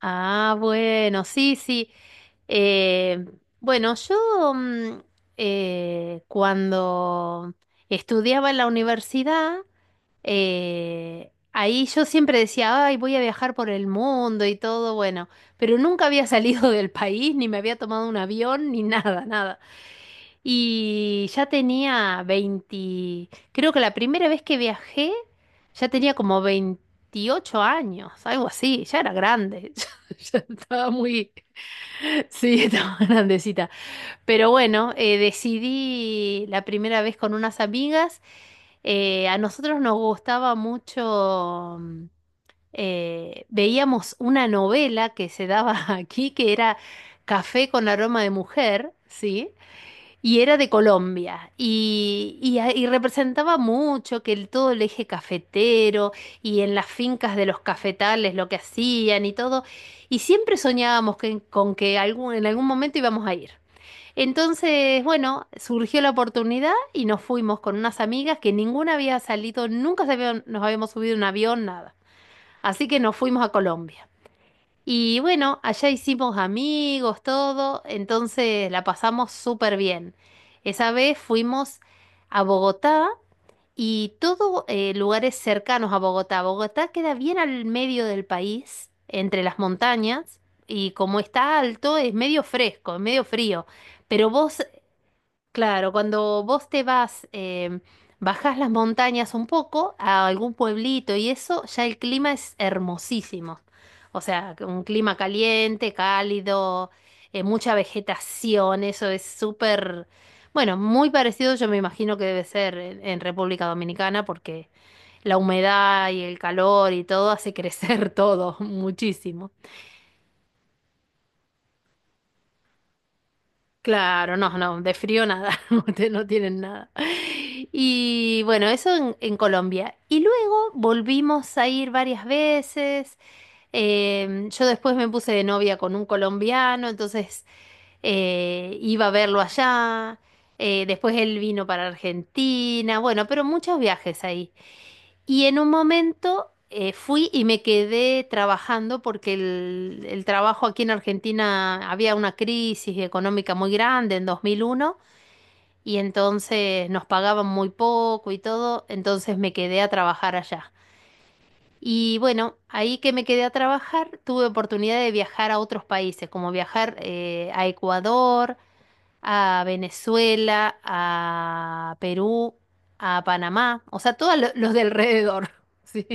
Ah, bueno, sí, sí. Eh, bueno, yo cuando estudiaba en la universidad, ahí yo siempre decía, ay, voy a viajar por el mundo y todo, bueno, pero nunca había salido del país, ni me había tomado un avión, ni nada, nada. Y ya tenía 20 creo que la primera vez que viajé ya tenía como 28 años, algo así, ya era grande, ya estaba muy, sí, estaba grandecita. Pero bueno, decidí la primera vez con unas amigas, a nosotros nos gustaba mucho, veíamos una novela que se daba aquí que era Café con aroma de mujer, ¿sí? Y era de Colombia y y representaba mucho que el, todo el eje cafetero y en las fincas de los cafetales lo que hacían y todo. Y siempre soñábamos que- con que algún, en algún momento íbamos a ir. Entonces, bueno, surgió la oportunidad y nos fuimos con unas amigas que ninguna había salido, nunca se habían- nos habíamos subido a un avión, nada. Así que nos fuimos a Colombia. Y bueno, allá hicimos amigos, todo, entonces la pasamos súper bien. Esa vez fuimos a Bogotá y todo lugares cercanos a Bogotá. Bogotá queda bien al medio del país, entre las montañas, y como está alto es medio fresco, es medio frío. Pero vos. Claro, cuando vos te vas, bajás las montañas un poco a algún pueblito y eso, ya el clima es hermosísimo. O sea, que un clima caliente, cálido, mucha vegetación, eso es súper, bueno, muy parecido yo me imagino que debe ser en República Dominicana porque la humedad y el calor y todo hace crecer todo muchísimo. Claro, no, no, de frío nada, no te- no tienen nada. Y bueno, eso en Colombia. Y luego volvimos a ir varias veces. Yo después me puse de novia con un colombiano, entonces iba a verlo allá. Después él vino para Argentina, bueno, pero muchos viajes ahí. Y en un momento fui y me quedé trabajando porque el trabajo aquí en Argentina había una crisis económica muy grande en 2001 y entonces nos pagaban muy poco y todo, entonces me quedé a trabajar allá. Y bueno, ahí que me quedé a trabajar, tuve oportunidad de viajar a otros países, como viajar a Ecuador, a Venezuela, a Perú, a Panamá, o sea, todos lo- los de alrededor. Sí.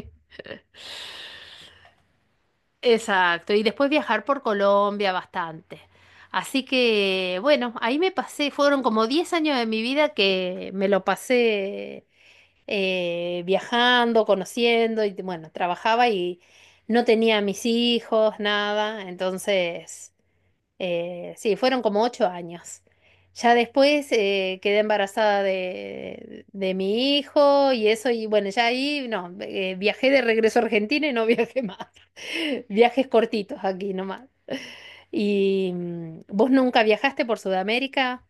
Exacto, y después viajar por Colombia bastante. Así que, bueno, ahí me pasé, fueron como 10 años de mi vida que me lo pasé viajando, conociendo, y bueno, trabajaba y no tenía mis hijos, nada, entonces sí, fueron como 8 años. Ya después quedé embarazada de mi hijo y eso, y bueno, ya ahí no, viajé de regreso a Argentina y no viajé más. Viajes cortitos aquí nomás. ¿Y vos nunca viajaste por Sudamérica?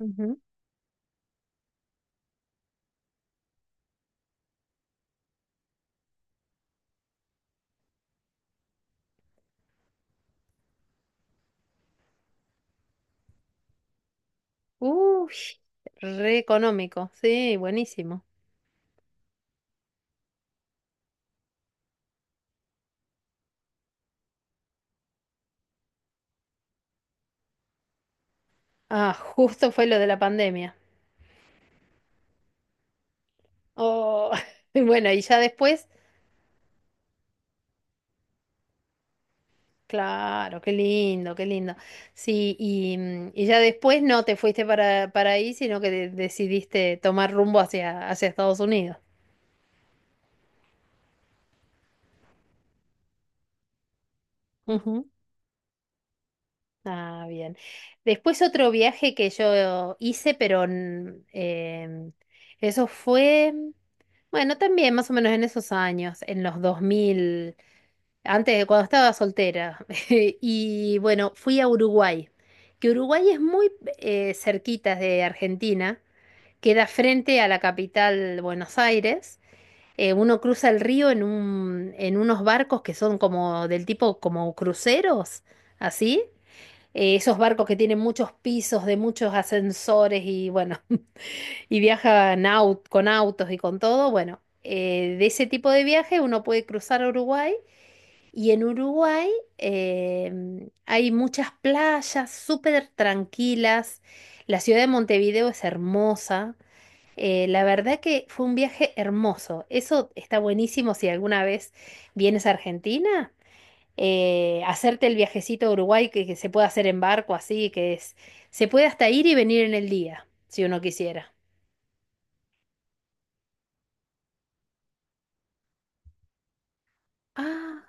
Ujú. Uy, re económico, sí, buenísimo. Ah, justo fue lo de la pandemia. Oh, bueno, y ya después. Claro, qué lindo, qué lindo. Sí, y, y ya después no te fuiste para ahí, sino que de- decidiste tomar rumbo hacia, hacia Estados Unidos. Ujú. Ah, bien. Después otro viaje que yo hice, pero eso fue, bueno, también más o menos en esos años, en los 2000, antes de cuando estaba soltera. Y bueno, fui a Uruguay, que Uruguay es muy cerquita de Argentina. Queda frente a la capital Buenos Aires. Uno cruza el río en un, en unos barcos que son como del tipo como cruceros, así. Esos barcos que tienen muchos pisos, de muchos ascensores y bueno, y viajan au- con autos y con todo. Bueno, de ese tipo de viaje uno puede cruzar a Uruguay y en Uruguay hay muchas playas súper tranquilas. La ciudad de Montevideo es hermosa. La verdad que fue un viaje hermoso. Eso está buenísimo si alguna vez vienes a Argentina. Hacerte el viajecito a Uruguay que se puede hacer en barco así, que es, se puede hasta ir y venir en el día, si uno quisiera. Ah.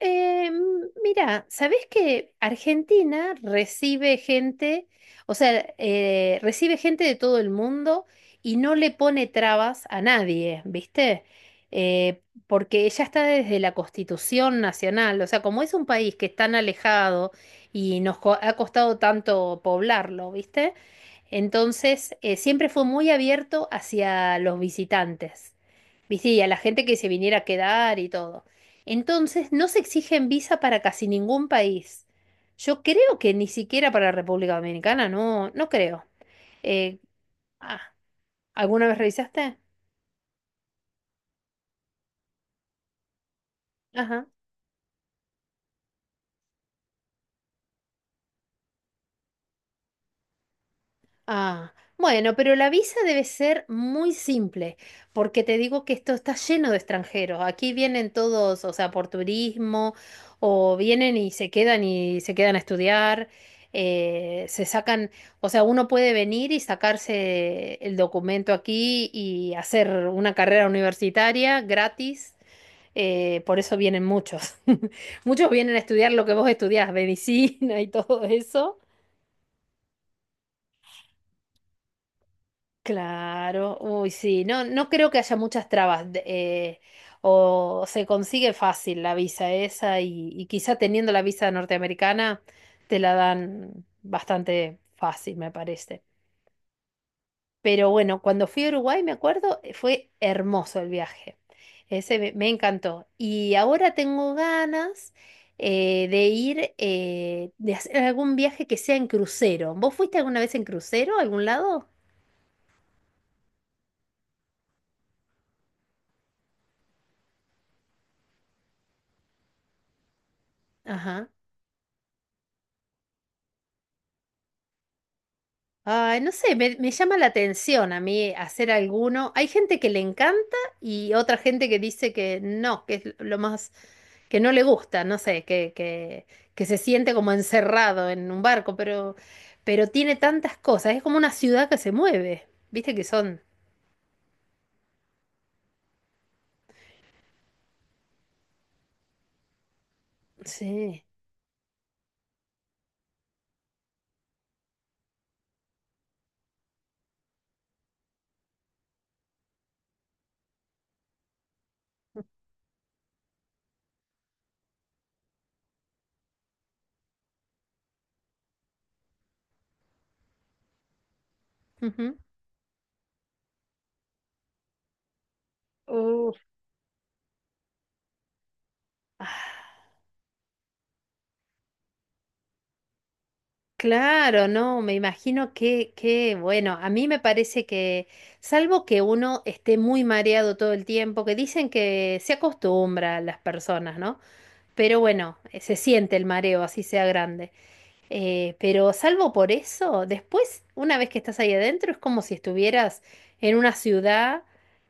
Eh, mira, ¿sabés que Argentina recibe gente, o sea, recibe gente de todo el mundo y no le pone trabas a nadie, ¿viste? Porque ya está desde la Constitución Nacional, o sea, como es un país que es tan alejado y nos co- ha costado tanto poblarlo, ¿viste? Entonces, siempre fue muy abierto hacia los visitantes. ¿Viste? Y sí, a la gente que se viniera a quedar y todo. Entonces, no se exigen visa para casi ningún país. Yo creo que ni siquiera para República Dominicana, no, no creo. Eh, ah, ¿Alguna vez revisaste? Ajá. Ah, bueno, pero la visa debe ser muy simple, porque te digo que esto está lleno de extranjeros. Aquí vienen todos, o sea, por turismo, o vienen y se quedan a estudiar, se sacan, o sea, uno puede venir y sacarse el documento aquí y hacer una carrera universitaria gratis. Por eso vienen muchos. Muchos vienen a estudiar lo que vos estudiás, medicina y todo eso. Claro, uy, sí, no, no creo que haya muchas trabas de- o se consigue fácil la visa esa y quizá teniendo la visa norteamericana te la dan bastante fácil, me parece. Pero bueno, cuando fui a Uruguay, me acuerdo, fue hermoso el viaje. Ese me, me encantó. Y ahora tengo ganas de ir, de hacer algún viaje que sea en crucero. ¿Vos fuiste alguna vez en crucero a algún lado? Ay, no sé, me llama la atención a mí hacer alguno. Hay gente que le encanta y otra gente que dice que no, que es lo más, que no le gusta, no sé, que se siente como encerrado en un barco, pero tiene tantas cosas, es como una ciudad que se mueve, viste que son. Sí. Ujú. Uf. Ah. Claro, no, me imagino que, bueno, a mí me parece que, salvo que uno esté muy mareado todo el tiempo, que dicen que se acostumbra a las personas, ¿no? Pero bueno, se siente el mareo, así sea grande. Pero salvo por eso, después, una vez que estás ahí adentro, es como si estuvieras en una ciudad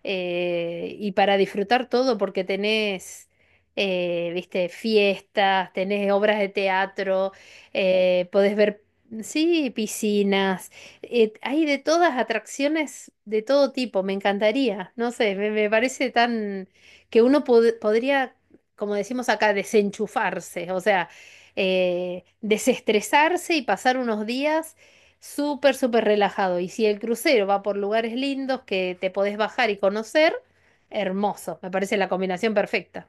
y para disfrutar todo, porque tenés, viste, fiestas, tenés obras de teatro, podés ver, sí, piscinas, hay de todas atracciones de todo tipo, me encantaría, no sé, me parece tan que uno pod- podría, como decimos acá, desenchufarse, o sea desestresarse y pasar unos días súper, súper relajado. Y si el crucero va por lugares lindos que te podés bajar y conocer, hermoso. Me parece la combinación perfecta.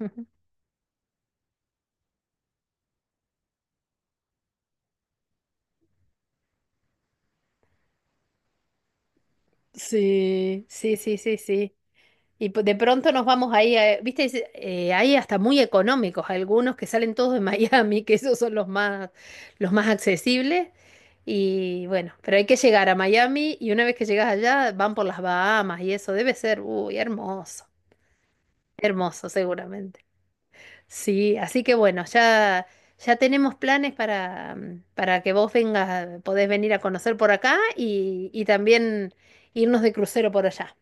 Sí, sí, sí, sí, sí. Y p- de pronto nos vamos ahí, a- viste, es- hay hasta muy económicos, algunos que salen todos de Miami, que esos son los más accesibles. Y bueno, pero hay que llegar a Miami y una vez que llegas allá van por las Bahamas y eso debe ser, uy, hermoso, hermoso seguramente. Sí, así que bueno, ya, ya tenemos planes para, para que vos vengas, podés venir a conocer por acá y también irnos de crucero por allá.